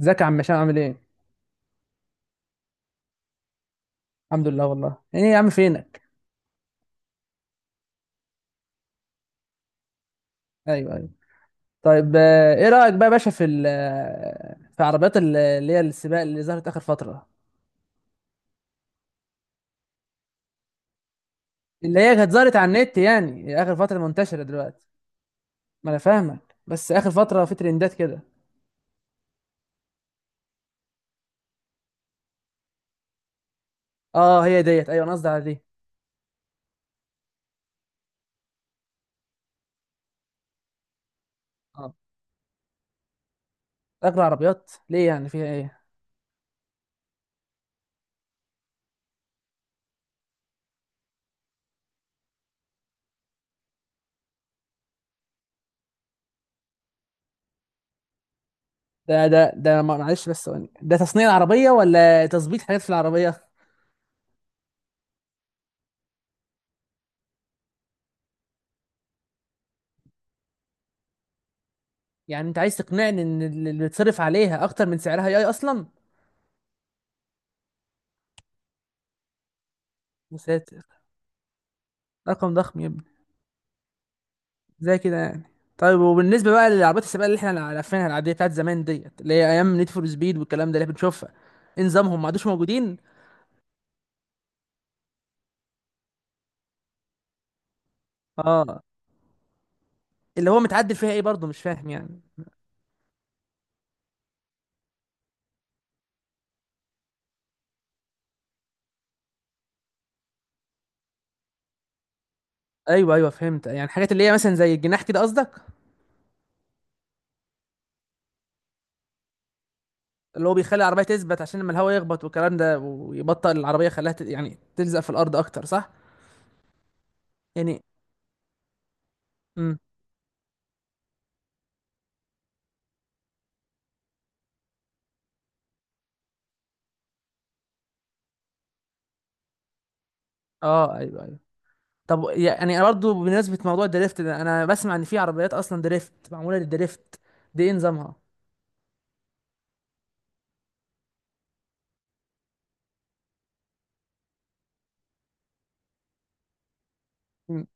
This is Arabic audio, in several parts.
ازيك يا عم هشام عامل ايه؟ الحمد لله والله ايه يا عم فينك؟ ايوه ايوه. طيب، ايه رأيك بقى يا باشا في عربيات اللي هي السباق اللي ظهرت اخر فترة. اللي هي كانت ظهرت على النت، يعني اخر فترة منتشرة دلوقتي. ما انا فاهمك، بس اخر فترة في ترندات كده. اه، هي ديت، ايوه انا قصدي على دي. اه. اغلى عربيات ليه؟ يعني فيها ايه؟ ده ده ده ما- معلش بس ثواني، ده تصنيع العربية ولا تظبيط حاجات في العربية؟ يعني انت عايز تقنعني ان اللي بيتصرف عليها اكتر من سعرها اي اصلا؟ يا ساتر، رقم ضخم يبقى. زي كده يعني. طيب، وبالنسبه بقى للعربيات السباق اللي احنا عارفينها، العاديه بتاعت زمان ديت، اللي هي ايام نيد فور سبيد والكلام ده اللي بنشوفها، ايه نظامهم؟ ما عادوش موجودين. اه. اللي هو متعدل فيها ايه برضه؟ مش فاهم يعني. ايوه ايوه، فهمت، يعني حاجات اللي هي مثلا زي الجناح كده قصدك. اللي هو بيخلي العربيه تثبت، عشان لما الهواء يخبط والكلام ده ويبطئ العربيه، خلاها يعني تلزق في الارض اكتر، صح؟ يعني امم. اه ايوه ايوه. طب يعني انا برضه بمناسبه موضوع الدريفت ده، انا بسمع ان في عربيات اصلا دريفت، معموله للدريفت، دي ايه نظامها؟ مم.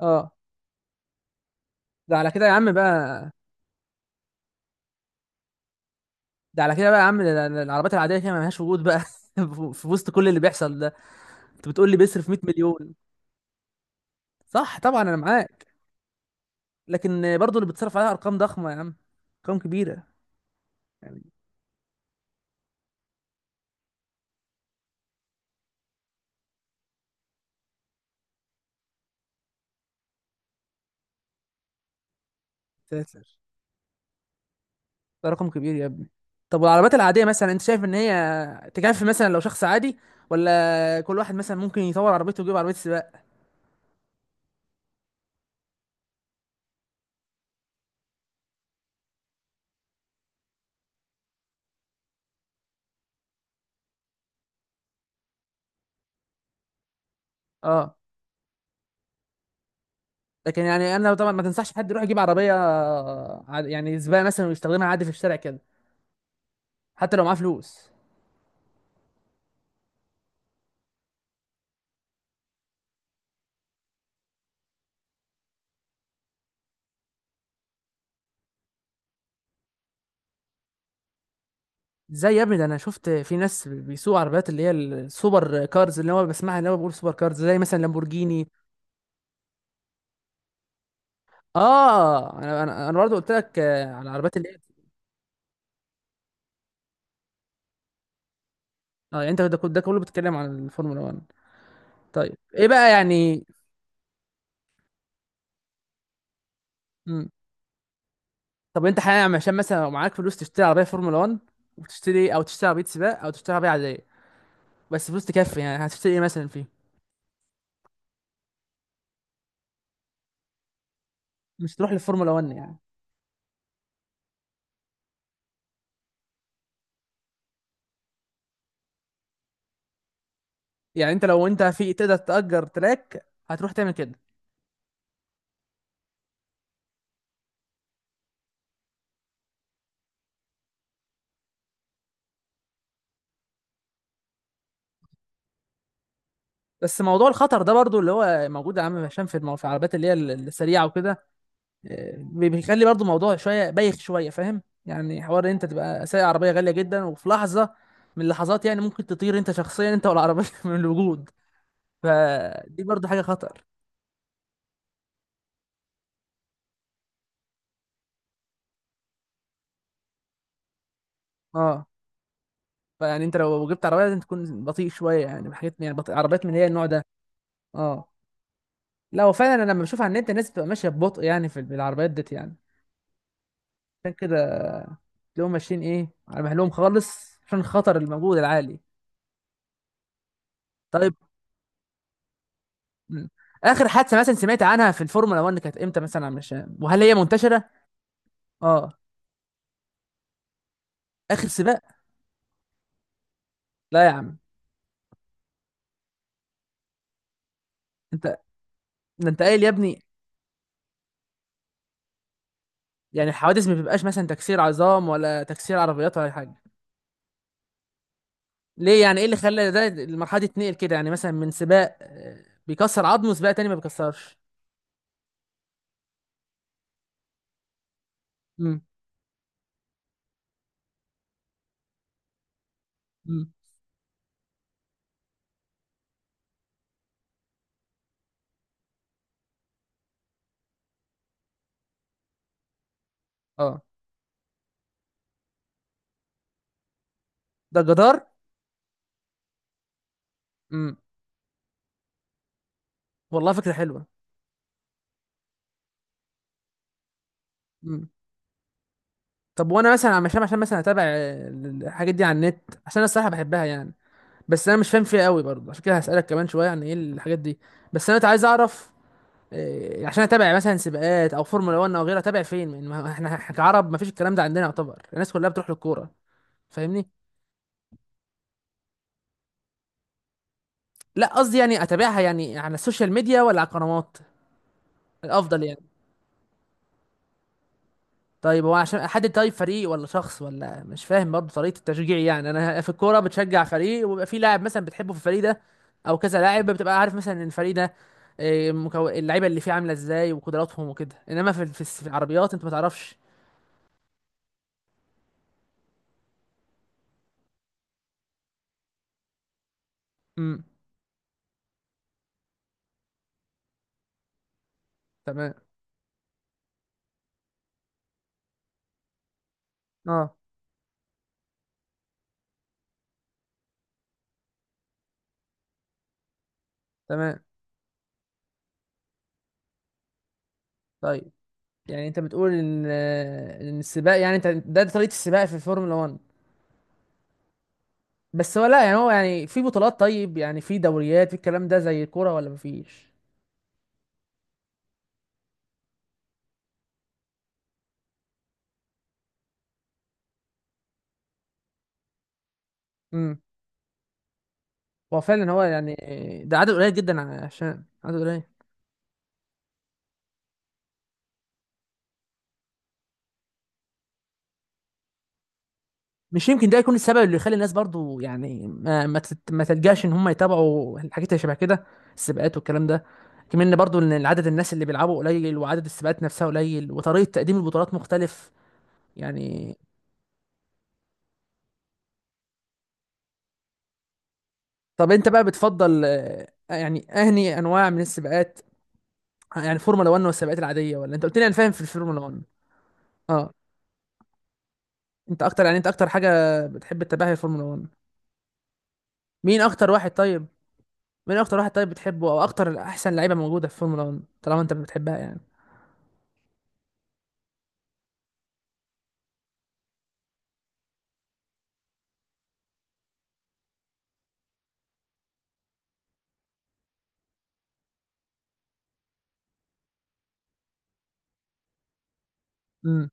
اه. ده على كده يا عم بقى. ده على كده بقى يا عم، ده العربيات العادية كده ملهاش وجود بقى في وسط كل اللي بيحصل ده. انت بتقول لي بيصرف 100 مليون؟ صح، طبعا انا معاك. لكن برضه اللي بتصرف عليها ارقام ضخمة يا عم، ارقام كبيرة يعني. ساتر، ده رقم كبير يا ابني. طب والعربيات العادية مثلا، انت شايف ان هي تكفي مثلا لو شخص عادي، ولا كل واحد مثلا ممكن يطور عربيته ويجيب عربية سباق؟ اه. لكن يعني انا طبعا ما تنصحش حد يروح يجيب عربية يعني سباق مثلا ويستخدمها عادي في الشارع كده، حتى لو معاه فلوس. ازاي يا ابني؟ ده انا شفت في ناس بيسوقوا عربيات اللي هي السوبر كارز، اللي هو بسمعها، اللي هو بيقول سوبر كارز زي مثلا لامبورجيني. اه، انا برضه قلت لك، على العربيات اللي هي. اه، يعني انت ده كله بتتكلم عن الفورمولا 1. طيب، ايه بقى يعني؟ مم. طب انت حاليا عشان مثلا لو معاك فلوس تشتري عربيه فورمولا 1 وتشتري إيه؟ او تشتري عربيه سباق او تشتري عربيه عاديه، بس فلوس تكفي يعني، هتشتري ايه مثلا فيه؟ مش تروح للفورمولا 1 يعني؟ يعني انت لو انت في تقدر تأجر تراك، هتروح تعمل كده؟ بس موضوع الخطر ده برضو اللي هو موجود يا عم هشام في العربيات اللي هي السريعه وكده، بيخلي برضو الموضوع شويه بايخ شويه، فاهم يعني؟ حوار إن انت تبقى سايق عربيه غاليه جدا، وفي لحظه من اللحظات يعني ممكن تطير انت شخصيا، انت والعربيه من الوجود. فدي برضو حاجه خطر. اه. فيعني انت لو جبت عربيه لازم تكون بطيء شويه يعني، حاجات يعني بطيء عربيات من اللي هي النوع ده. اه. لا وفعلا انا لما بشوف على النت الناس بتبقى ماشيه ببطء يعني في العربيات ديت يعني. عشان كده تلاقيهم ماشيين ايه، على مهلهم خالص، عشان خطر الموجود العالي. طيب. مم. اخر حادثه مثلا سمعت عنها في الفورمولا 1 كانت امتى مثلا؟ مش، وهل هي منتشره؟ اه. اخر سباق؟ لا يا عم. انت. ده انت قايل يا ابني، يعني الحوادث ما بيبقاش مثلا تكسير عظام ولا تكسير عربيات ولا أي حاجه؟ ليه يعني؟ ايه اللي خلى ده المرحله دي تنقل كده، يعني مثلا من سباق بيكسر عظمه، سباق تاني ما بيكسرش؟ امم. امم. اه. ده جدار؟ امم. والله فكره حلوه. امم. طب وانا مثلا عشان مثلا اتابع الحاجات دي على النت، عشان انا الصراحه بحبها يعني، بس انا مش فاهم فيها قوي برضه، عشان كده هسألك كمان شوية عن ايه الحاجات دي. بس انا عايز اعرف، عشان اتابع مثلا سباقات او فورمولا 1 او غيرها، اتابع فين؟ من ما احنا إحنا كعرب ما فيش الكلام ده عندنا، يعتبر الناس كلها بتروح للكورة، فاهمني؟ لا، قصدي يعني اتابعها يعني على السوشيال ميديا ولا على القنوات الافضل يعني. طيب، هو عشان احدد، طيب فريق ولا شخص؟ ولا مش فاهم برضه طريقه التشجيع؟ يعني انا في الكوره بتشجع فريق، وبيبقى في لاعب مثلا بتحبه في الفريق ده، او كذا لاعب بتبقى عارف مثلا ان الفريق ده اللعيبه اللي فيه عامله ازاي وقدراتهم وكده، انما في العربيات انت ما تعرفش. امم. تمام. اه. تمام. طيب، يعني انت بتقول ان ان السباق يعني انت ده طريقه السباق في الفورمولا 1. بس هو لا يعني، هو يعني في بطولات، طيب يعني في دوريات، في الكلام ده زي الكوره، ولا مفيش؟ هو فعلا هو يعني، ده عدد قليل جدا، عشان عدد قليل. مش يمكن ده يكون السبب اللي يخلي الناس برضو يعني ما تلجاش ان هم يتابعوا الحاجات اللي شبه كده، السباقات والكلام ده، كمان إن برضو ان عدد الناس اللي بيلعبوا قليل، وعدد السباقات نفسها قليل، وطريقة تقديم البطولات مختلف يعني؟ طب انت بقى بتفضل يعني اهني انواع من السباقات، يعني فورمولا 1 والسباقات العادية، ولا انت قلت لي انا فاهم في الفورمولا 1؟ اه. انت اكتر يعني، انت اكتر حاجة بتحب تتابعها هي الفورمولا 1. مين اكتر واحد طيب؟ مين اكتر واحد طيب بتحبه، او اكتر احسن لعيبه موجوده في فورمولا 1، طالما انت بتحبها يعني؟ امم.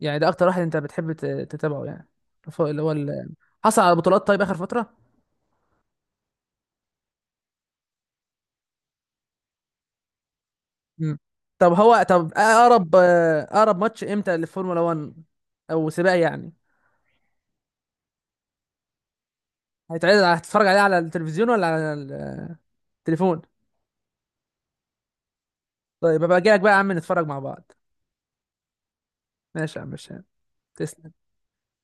يعني ده اكتر واحد انت بتحب تتابعه يعني، فوق اللي هو ال-، حصل على بطولات طيب اخر فتره؟ امم. طب هو، طب اقرب اقرب ماتش امتى للفورمولا 1، او سباق يعني؟ هيتعرض على-، هتتفرج عليه على التلفزيون ولا على التليفون؟ طيب، ابقى اجي لك بقى يا عم نتفرج مع بعض. ماشي يا عم هشام، تسلم.